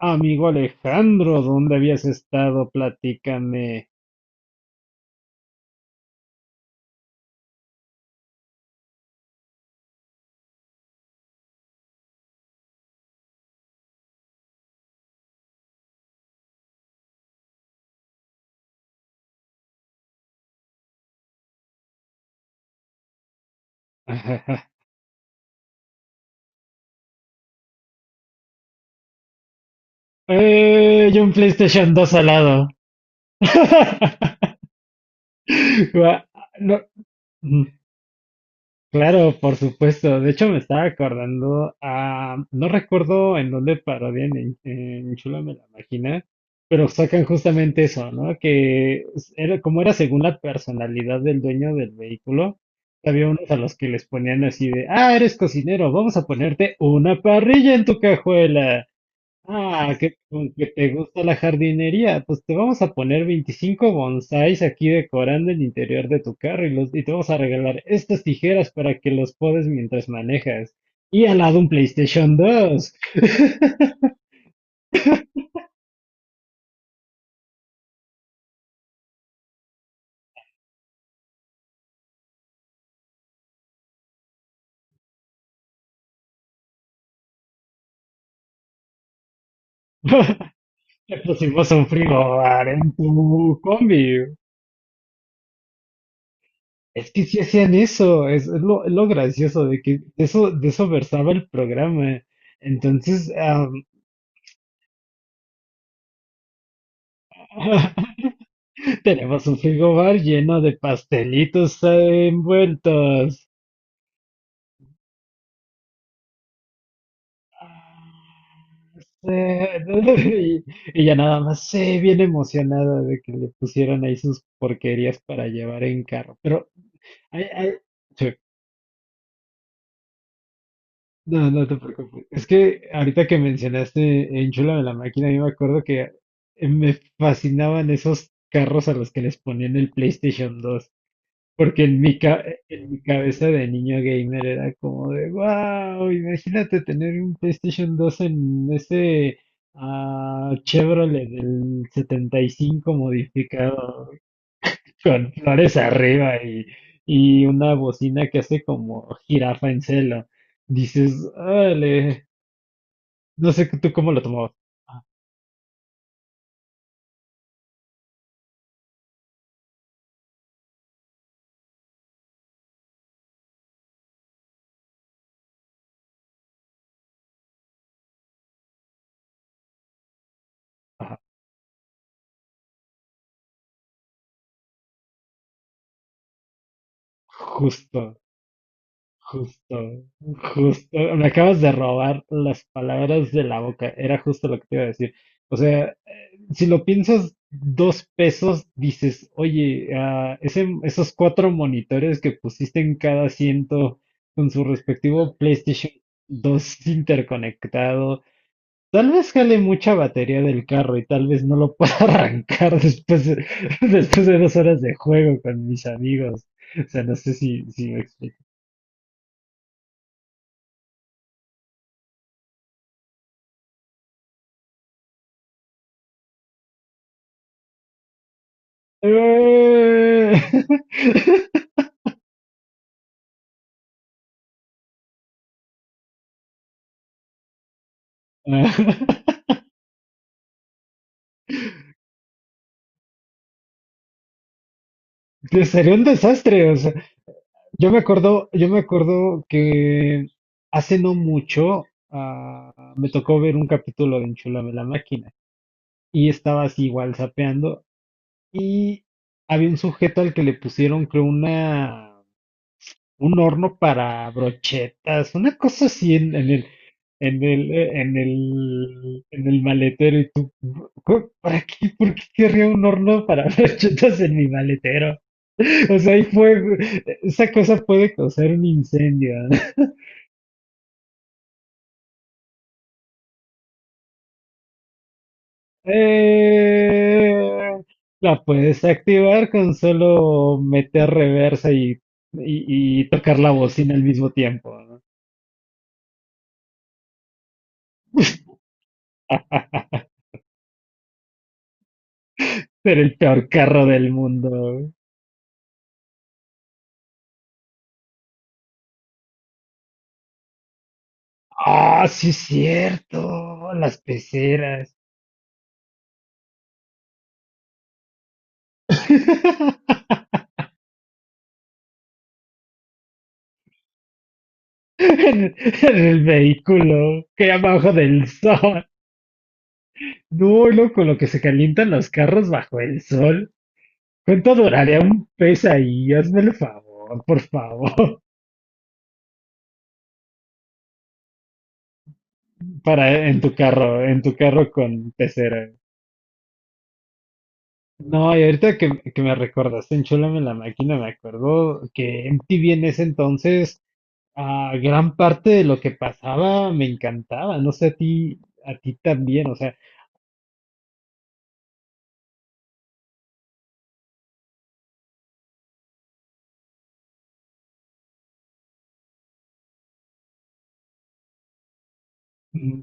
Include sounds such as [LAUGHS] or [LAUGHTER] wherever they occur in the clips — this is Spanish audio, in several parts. Amigo Alejandro, ¿dónde habías estado? Platícame. [LAUGHS] Y un PlayStation 2 al lado. [LAUGHS] Gua- no. Claro, por supuesto. De hecho, me estaba acordando, no recuerdo en dónde parodian en Chúlame la Máquina, pero sacan justamente eso, ¿no? Como era según la personalidad del dueño del vehículo, había unos a los que les ponían así de, eres cocinero, vamos a ponerte una parrilla en tu cajuela. Ah, que con que te gusta la jardinería, pues te vamos a poner 25 bonsáis aquí decorando el interior de tu carro y te vamos a regalar estas tijeras para que los podes mientras manejas. Y al lado un PlayStation 2. [LAUGHS] Te pusimos un frigobar en tu combi. Es que sí hacían eso, es lo gracioso de que de eso versaba el programa. Entonces, [LAUGHS] Tenemos un frigobar lleno de pastelitos envueltos. Sí, [LAUGHS] Y ya nada más, sí, bien emocionada de que le pusieran ahí sus porquerías para llevar en carro. Pero, ay, ay, sí, no, no te preocupes. Es que ahorita que mencionaste Enchúlame la máquina, yo me acuerdo que me fascinaban esos carros a los que les ponían el PlayStation 2. Porque en mi cabeza de niño gamer era como de, wow, imagínate tener un PlayStation 2 en ese Chevrolet del 75 modificado con flores arriba y una bocina que hace como jirafa en celo. Dices, órale, no sé tú cómo lo tomabas. Ah, ajá, justo. Justo, justo, me acabas de robar las palabras de la boca, era justo lo que te iba a decir. O sea, si lo piensas dos pesos, dices, oye, esos cuatro monitores que pusiste en cada asiento con su respectivo PlayStation 2 interconectado, tal vez jale mucha batería del carro y tal vez no lo pueda [LAUGHS] arrancar [LAUGHS] después de 2 horas de juego con mis amigos. O sea, no sé si me explico. Eh, [LAUGHS] Sería un desastre, o sea, yo me acuerdo que hace no mucho me tocó ver un capítulo de Enchúlame la máquina y estaba así igual zapeando y había un sujeto al que le pusieron creo una un horno para brochetas, una cosa así en el, en el, en el, en el maletero. Y tú, "¿para qué? ¿Por qué querría un horno para [LAUGHS] brochetas en mi maletero?" [LAUGHS] O sea, hay fuego. Esa cosa puede causar un incendio. [LAUGHS] Eh, la puedes activar con solo meter reversa y tocar la bocina al mismo tiempo, ¿no? Ser el peor carro del mundo. Ah, sí es cierto, las peceras. [LAUGHS] En, en el vehículo que abajo del sol. No, no, con lo que se calientan los carros bajo el sol. ¿Cuánto duraría un pez ahí? Hazme el favor, por favor. [LAUGHS] Para en tu carro con pecera. No, y ahorita que, me recordaste en Chólame la Máquina, me acuerdo que MTV en ese entonces. Ah, gran parte de lo que pasaba me encantaba, no sé a ti también, o sea, mm,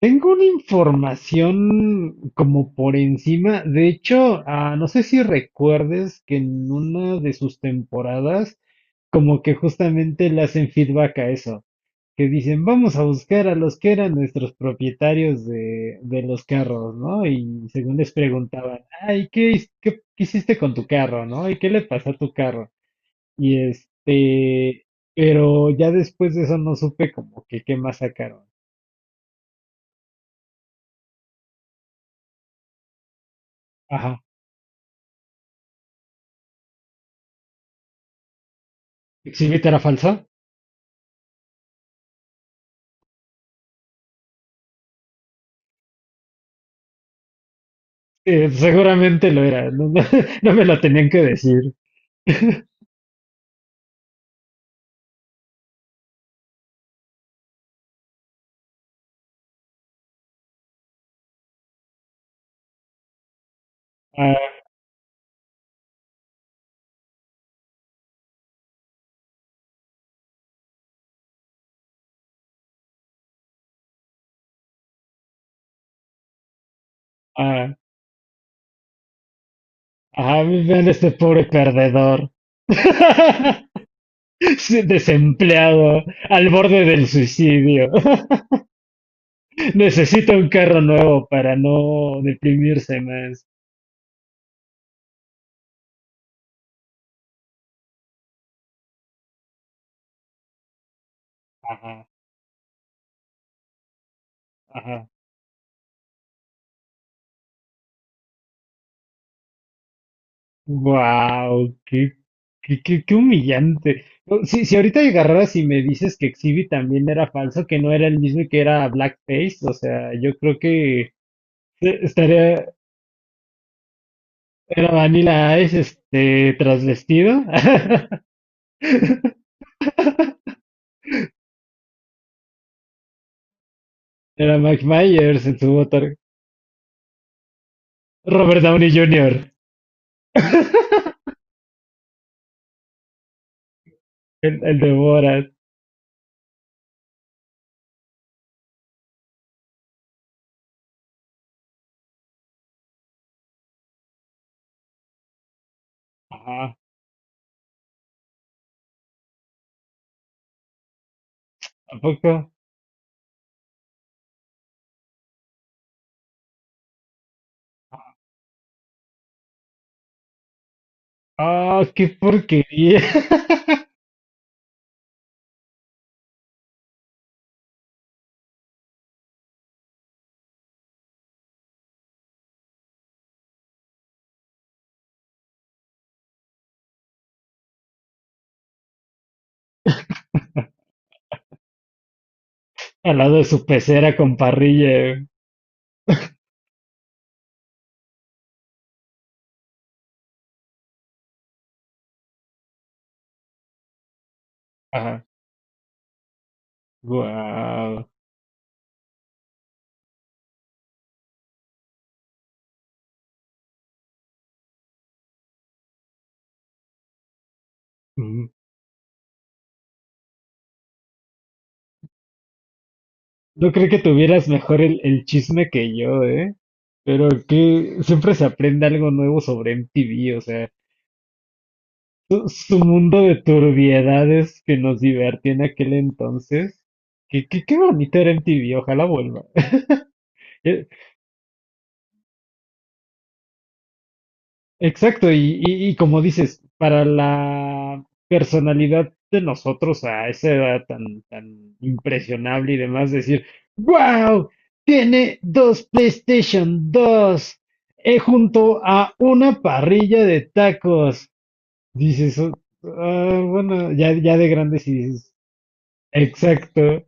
tengo una información como por encima, de hecho, no sé si recuerdes que en una de sus temporadas, como que justamente le hacen feedback a eso, que dicen, vamos a buscar a los que eran nuestros propietarios de los carros, ¿no? Y según les preguntaban, ay, ¿qué hiciste con tu carro, ¿no? ¿Y qué le pasó a tu carro? Y este, pero ya después de eso no supe como que qué más sacaron. Ajá. ¿Sí era falsa? Seguramente lo era, [LAUGHS] no me lo tenían que decir. [LAUGHS] Ah, ah, ajá, vean este pobre perdedor. [LAUGHS] Sí, desempleado, al borde del suicidio. [LAUGHS] Necesita un carro nuevo para no deprimirse más. Ajá, ajá. Wow, qué humillante. No, si, ahorita agarraras y me dices que Exhibit también era falso, que no era el mismo y que era blackface, o sea, yo creo que estaría, era Vanilla Ice, este, transvestido. [LAUGHS] Era Mike Myers en su motor. Robert Downey Jr., [LAUGHS] el de Borat. Ah, ¿a poco? Ah, qué porquería. [LAUGHS] Al lado de su pecera con parrilla. Wow. No creo que tuvieras mejor el chisme que yo, ¿eh? Pero que siempre se aprende algo nuevo sobre MTV, o sea, su mundo de turbiedades que nos divertía en aquel entonces. Qué bonito era MTV, ojalá vuelva. [LAUGHS] Exacto, y como dices, para la personalidad de nosotros a esa edad tan, tan impresionable y demás, decir, wow, tiene dos PlayStation 2 junto a una parrilla de tacos. Dices, "Oh, bueno, ya, ya de grandes y dices, exacto,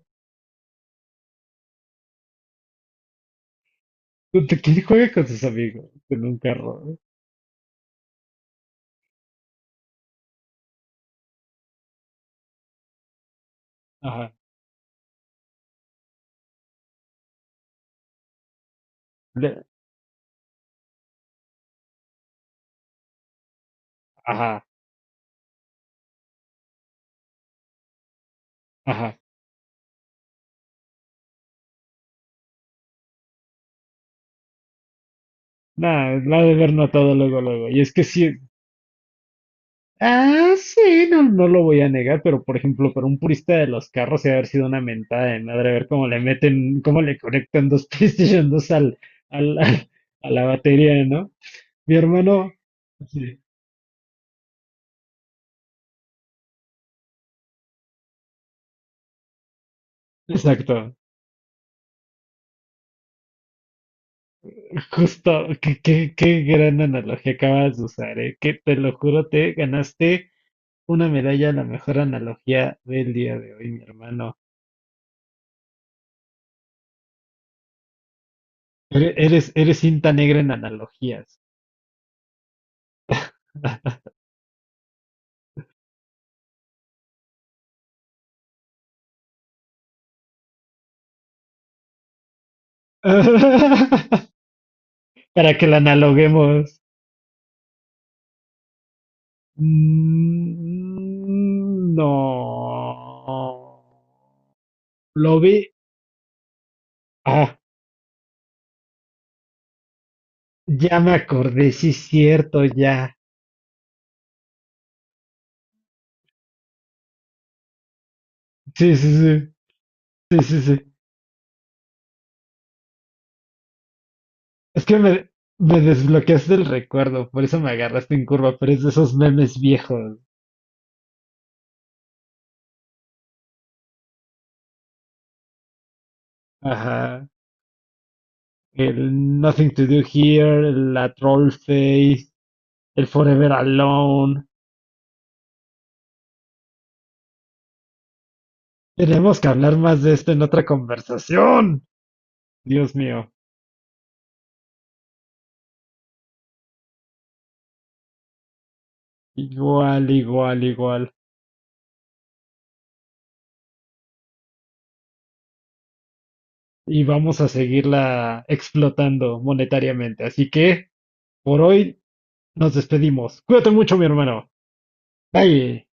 ¿quién juega con sus amigos en un carro? ¿No? Ajá, le- ajá, ajá. Nada, la ha de ver notado luego, luego. Y es que sí, ah, sí, no, no lo voy a negar, pero por ejemplo, para un purista de los carros, se haber sido una mentada de madre ver cómo le meten, cómo le conectan dos [LAUGHS] PlayStation dos al, al- a la batería, ¿no? Mi hermano, sí, exacto, justo, qué gran analogía acabas de usar, ¿eh? Que te lo juro, te ganaste una medalla a la mejor analogía del día de hoy, mi hermano. Eres cinta negra en analogías. [LAUGHS] Para que la analoguemos. Mm, no. Lo vi. Ah, ya me acordé, sí es cierto, ya. Sí, sí, sí. Sí, sí, sí. Es que me desbloqueaste el recuerdo, por eso me agarraste en curva, pero es de esos memes viejos. Ajá. El Nothing to Do Here, la Troll Face, el Forever Alone. Tenemos que hablar más de esto en otra conversación. Dios mío. Igual, igual, igual. Y vamos a seguirla explotando monetariamente. Así que por hoy nos despedimos. Cuídate mucho, mi hermano. Bye.